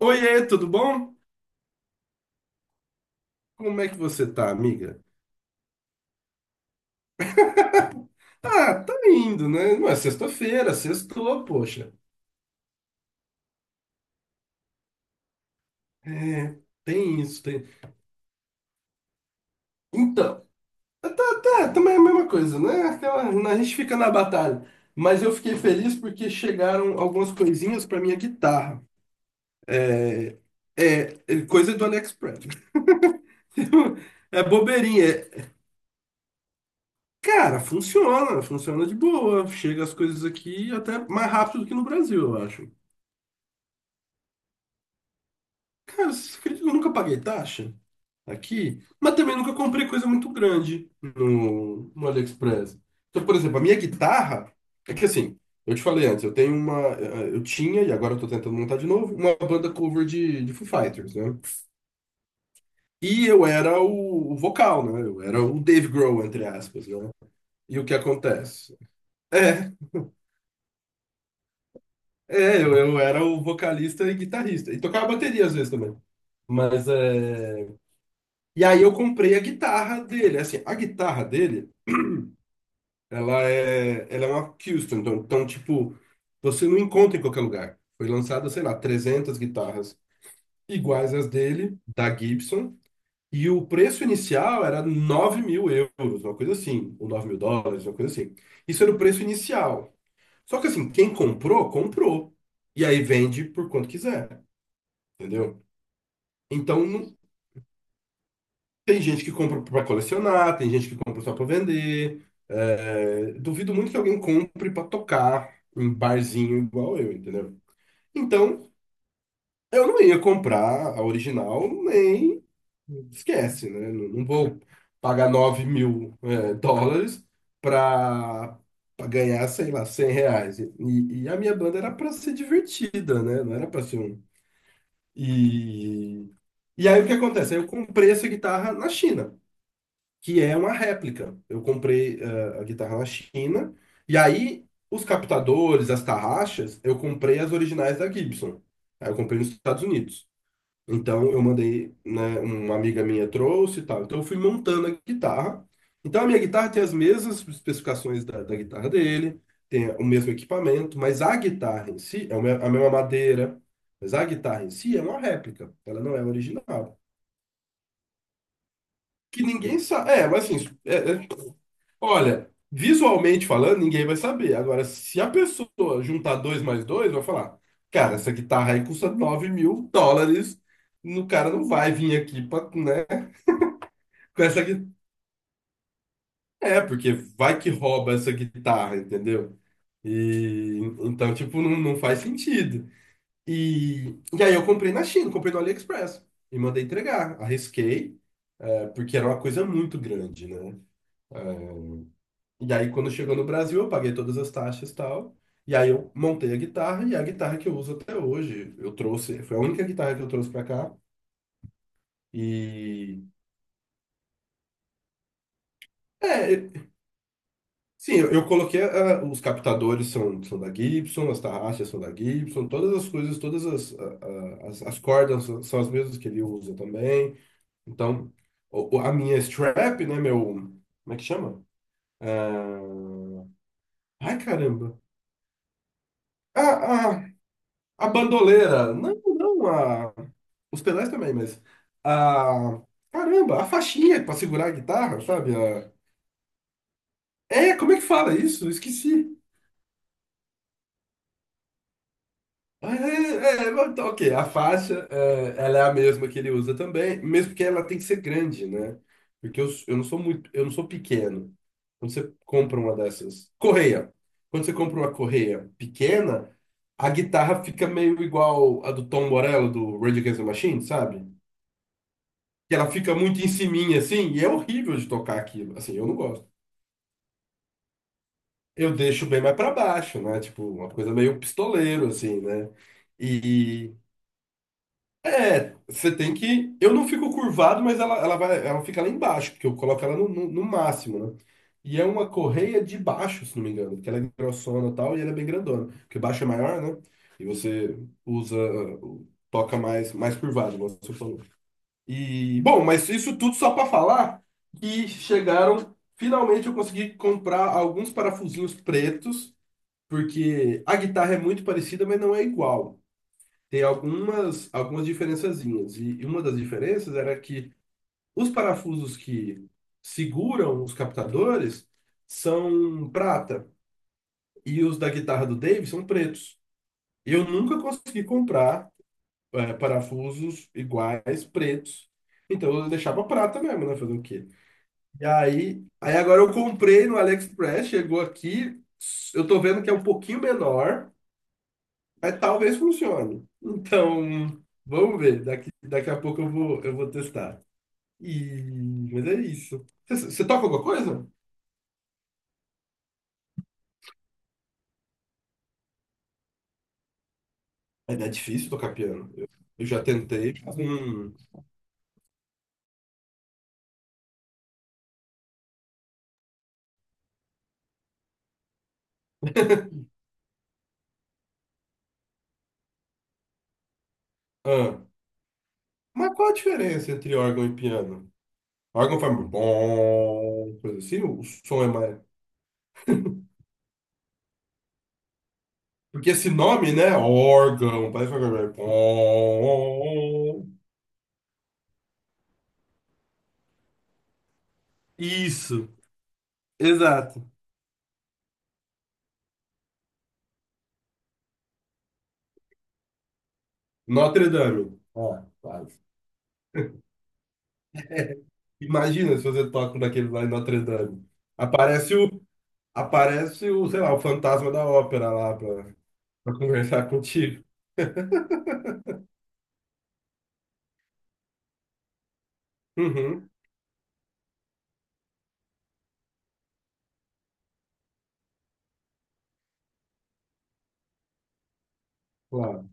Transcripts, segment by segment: Oiê, tudo bom? Como é que você tá, amiga? Ah, tá indo, né? Não é sexta-feira, sextou, poxa. É, tem isso, tem. Então, tá, tá, tá, também é a mesma coisa, né? Aquela, né, a gente fica na batalha. Mas eu fiquei feliz porque chegaram algumas coisinhas pra minha guitarra. É, é coisa do AliExpress. É bobeirinha. Cara, funciona, funciona de boa. Chega as coisas aqui até mais rápido do que no Brasil, eu acho. Cara, você acredita que eu nunca paguei taxa aqui? Mas também nunca comprei coisa muito grande no AliExpress. Então, por exemplo, a minha guitarra, é que assim, eu te falei antes, eu tenho uma, eu tinha, e agora eu tô tentando montar de novo, uma banda cover de Foo Fighters, né? E eu era o vocal, né? Eu era o Dave Grohl, entre aspas, né? E o que acontece? É, eu era o vocalista e guitarrista. E tocava bateria às vezes também. Mas é. E aí eu comprei a guitarra dele. Assim, a guitarra dele. Ela é uma custom então, tipo, você não encontra em qualquer lugar. Foi lançada, sei lá, 300 guitarras iguais às dele, da Gibson, e o preço inicial era 9.000 euros, uma coisa assim, ou 9.000 dólares, uma coisa assim. Isso era o preço inicial. Só que assim, quem comprou, comprou. E aí vende por quanto quiser, entendeu? Então, tem gente que compra para colecionar, tem gente que compra só para vender. É, duvido muito que alguém compre para tocar em barzinho igual eu, entendeu? Então, eu não ia comprar a original, nem esquece, né? Não, não vou pagar 9 mil dólares para ganhar, sei lá, R$ 100. E a minha banda era para ser divertida, né? Não era para ser um. E, e aí o que acontece? Aí eu comprei essa guitarra na China que é uma réplica. Eu comprei a guitarra na China, e aí os captadores, as tarraxas, eu comprei as originais da Gibson. Aí eu comprei nos Estados Unidos. Então eu mandei, né, uma amiga minha trouxe e tal. Então eu fui montando a guitarra. Então a minha guitarra tem as mesmas especificações da guitarra dele, tem o mesmo equipamento, mas a guitarra em si é a mesma madeira, mas a guitarra em si é uma réplica, ela não é original. Que ninguém sabe. É, mas assim, olha, visualmente falando, ninguém vai saber. Agora, se a pessoa juntar dois mais dois, vai falar: cara, essa guitarra aí custa 9.000 dólares. O cara não vai vir aqui pra, né, com essa guitarra. É, porque vai que rouba essa guitarra, entendeu? E então, tipo, não, não faz sentido. E aí eu comprei na China, comprei no AliExpress e mandei entregar. Arrisquei, porque era uma coisa muito grande, né? É, e aí, quando chegou no Brasil, eu paguei todas as taxas e tal. E aí, eu montei a guitarra e é a guitarra que eu uso até hoje. Eu trouxe, foi a única guitarra que eu trouxe pra cá. E. É, sim, eu coloquei. Os captadores são, são da Gibson, as tarraxas são da Gibson, todas as coisas, todas as, ah, ah, as cordas são as mesmas que ele usa também. Então, a minha strap, né, meu. Como é que chama? Ah, ai, caramba. Ah, ah, a bandoleira. Não, não, a. Os pedais também, mas. A... Caramba, a faixinha pra segurar a guitarra, sabe? É, como é que fala isso? Eu esqueci. Ah, tá, ok, a faixa, ela é a mesma que ele usa também, mesmo que ela tem que ser grande, né? Porque eu não sou muito, eu não sou pequeno. Quando você compra uma dessas. Correia. Quando você compra uma correia pequena, a guitarra fica meio igual a do Tom Morello, do Rage Against the Machine, sabe? Que ela fica muito em ciminha, assim, e é horrível de tocar aquilo. Assim, eu não gosto. Eu deixo bem mais pra baixo, né? Tipo, uma coisa meio pistoleiro, assim, né? E você tem que. Eu não fico curvado, mas ela vai, ela fica lá embaixo, porque eu coloco ela no máximo, né? E é uma correia de baixo, se não me engano, porque ela é grossona e tal, e ela é bem grandona. Porque baixo é maior, né? E você usa, toca mais curvado, como você falou. E, bom, mas isso tudo só para falar que chegaram. Finalmente eu consegui comprar alguns parafusinhos pretos porque a guitarra é muito parecida, mas não é igual. Tem algumas, diferençazinhas. E uma das diferenças era que os parafusos que seguram os captadores são prata e os da guitarra do Dave são pretos. Eu nunca consegui comprar parafusos iguais, pretos. Então eu deixava prata mesmo, né? Fazer o quê? E aí agora eu comprei no AliExpress, chegou aqui, eu tô vendo que é um pouquinho menor. Mas talvez funcione. Então, vamos ver. Daqui a pouco eu vou, testar. E, mas é isso. Você toca alguma coisa? É difícil tocar piano. Eu já tentei, ah, mas qual a diferença entre órgão e piano? Órgão faz bom, coisa assim, o som é mais. Porque esse nome, né? Órgão, parece uma coisa. Bom. Isso, exato. Notre Dame. Ah, quase. Imagina se você toca naquele lá em Notre Dame. Aparece o, sei lá, o fantasma da ópera lá pra, conversar contigo. Uhum, claro.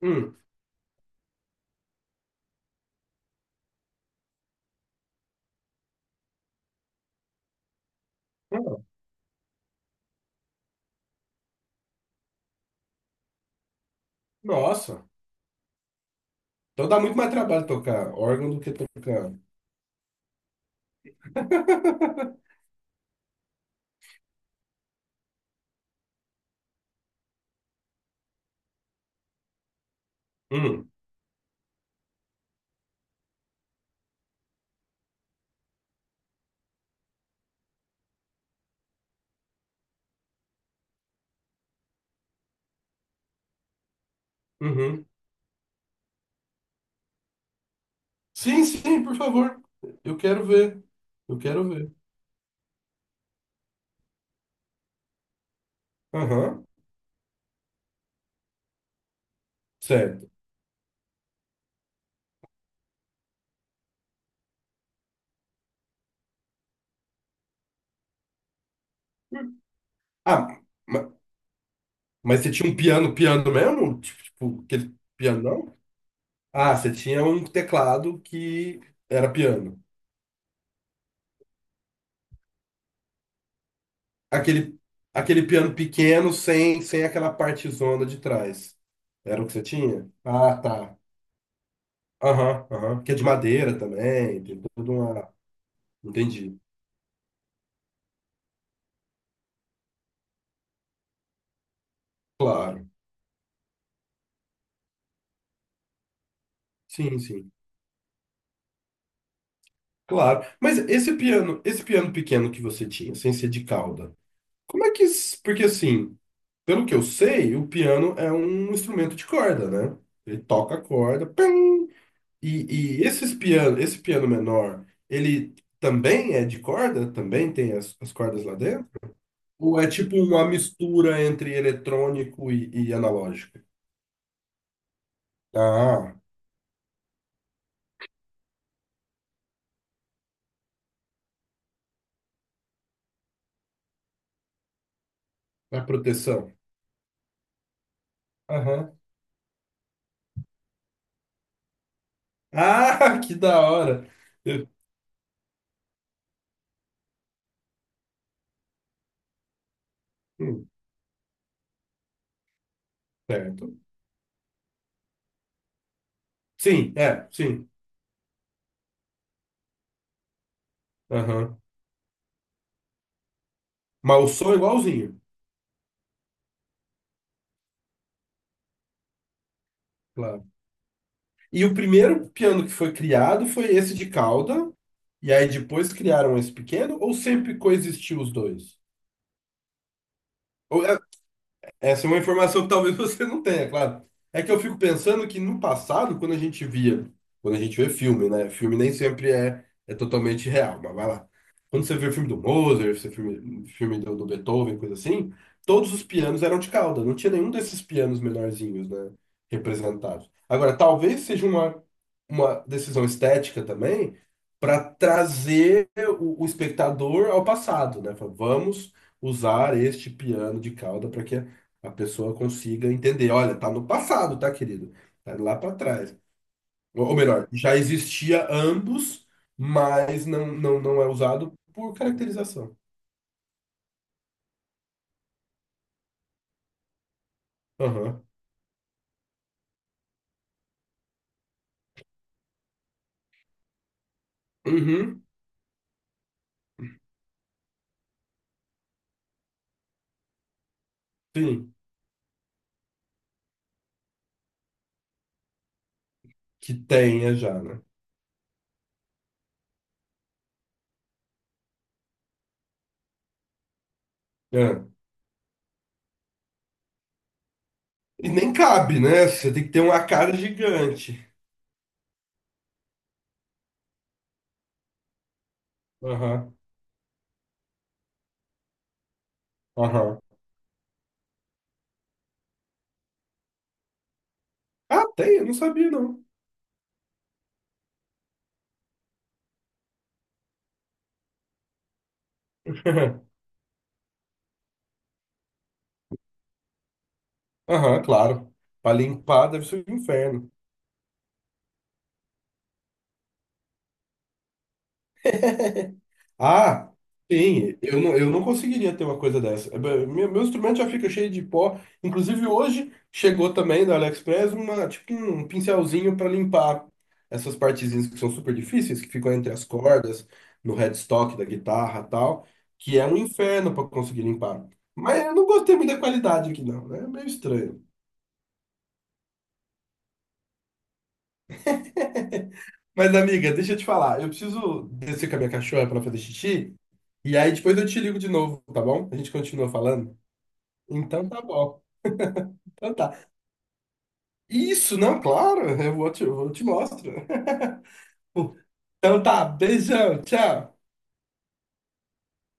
Hum, ah, nossa. Então dá muito mais trabalho tocar órgão do que tocar. Hum, uhum. Sim, sim, por favor. Eu quero ver. Eu quero ver. Aham, certo. Hum, Ah, ma- mas você tinha um piano, piano mesmo? Tipo, aquele piano não? Ah, você tinha um teclado que era piano. Aquele, aquele piano pequeno sem aquela partezona de trás. Era o que você tinha? Ah, tá. Aham, aham. Que é de madeira também, tem toda uma. Entendi. Claro. Sim, sim. Claro. Mas esse piano pequeno que você tinha, sem ser de cauda, como é que. Porque assim, pelo que eu sei, o piano é um instrumento de corda, né? Ele toca a corda. E esses piano, esse piano menor, ele também é de corda? Também tem as cordas lá dentro? Ou é tipo uma mistura entre eletrônico e analógico? Ah, a proteção. Aham. Ah, que da hora! Eu- hum, certo. Sim, sim. Aham. Mas o som é igualzinho, claro. E o primeiro piano que foi criado foi esse de cauda, e aí depois criaram esse pequeno, ou sempre coexistiu os dois? Ou Essa é uma informação que talvez você não tenha, claro. É que eu fico pensando que no passado, quando a gente vê filme, né? Filme nem sempre é totalmente real, mas vai lá. Quando você vê o filme do Mozart, filme do Beethoven, coisa assim, todos os pianos eram de cauda, não tinha nenhum desses pianos menorzinhos, né? Representados. Agora, talvez seja uma decisão estética também para trazer o espectador ao passado, né? Fala: vamos usar este piano de cauda para que a pessoa consiga entender. Olha, tá no passado, tá, querido? Tá lá para trás. Ou melhor, já existia ambos, mas não é usado por caracterização. Aham. Uhum. Sim. Que tenha já, né? É. E nem cabe, né? Você tem que ter uma cara gigante. Aham. Aham. Ah, tem? Eu não sabia, não. Aham, claro. Pra limpar deve ser um inferno. Ah, sim, eu não conseguiria ter uma coisa dessa. É, meu instrumento já fica cheio de pó. Inclusive, hoje chegou também da AliExpress tipo um pincelzinho para limpar essas partezinhas que são super difíceis, que ficam entre as cordas, no headstock da guitarra e tal, que é um inferno para conseguir limpar. Mas eu não gostei muito da qualidade aqui, não, né? É meio estranho. Mas, amiga, deixa eu te falar, eu preciso descer com a minha cachorra para fazer xixi, e aí depois eu te ligo de novo, tá bom? A gente continua falando. Então tá bom. Então tá. Isso, não, claro, eu vou te mostro. Então tá, beijão, tchau.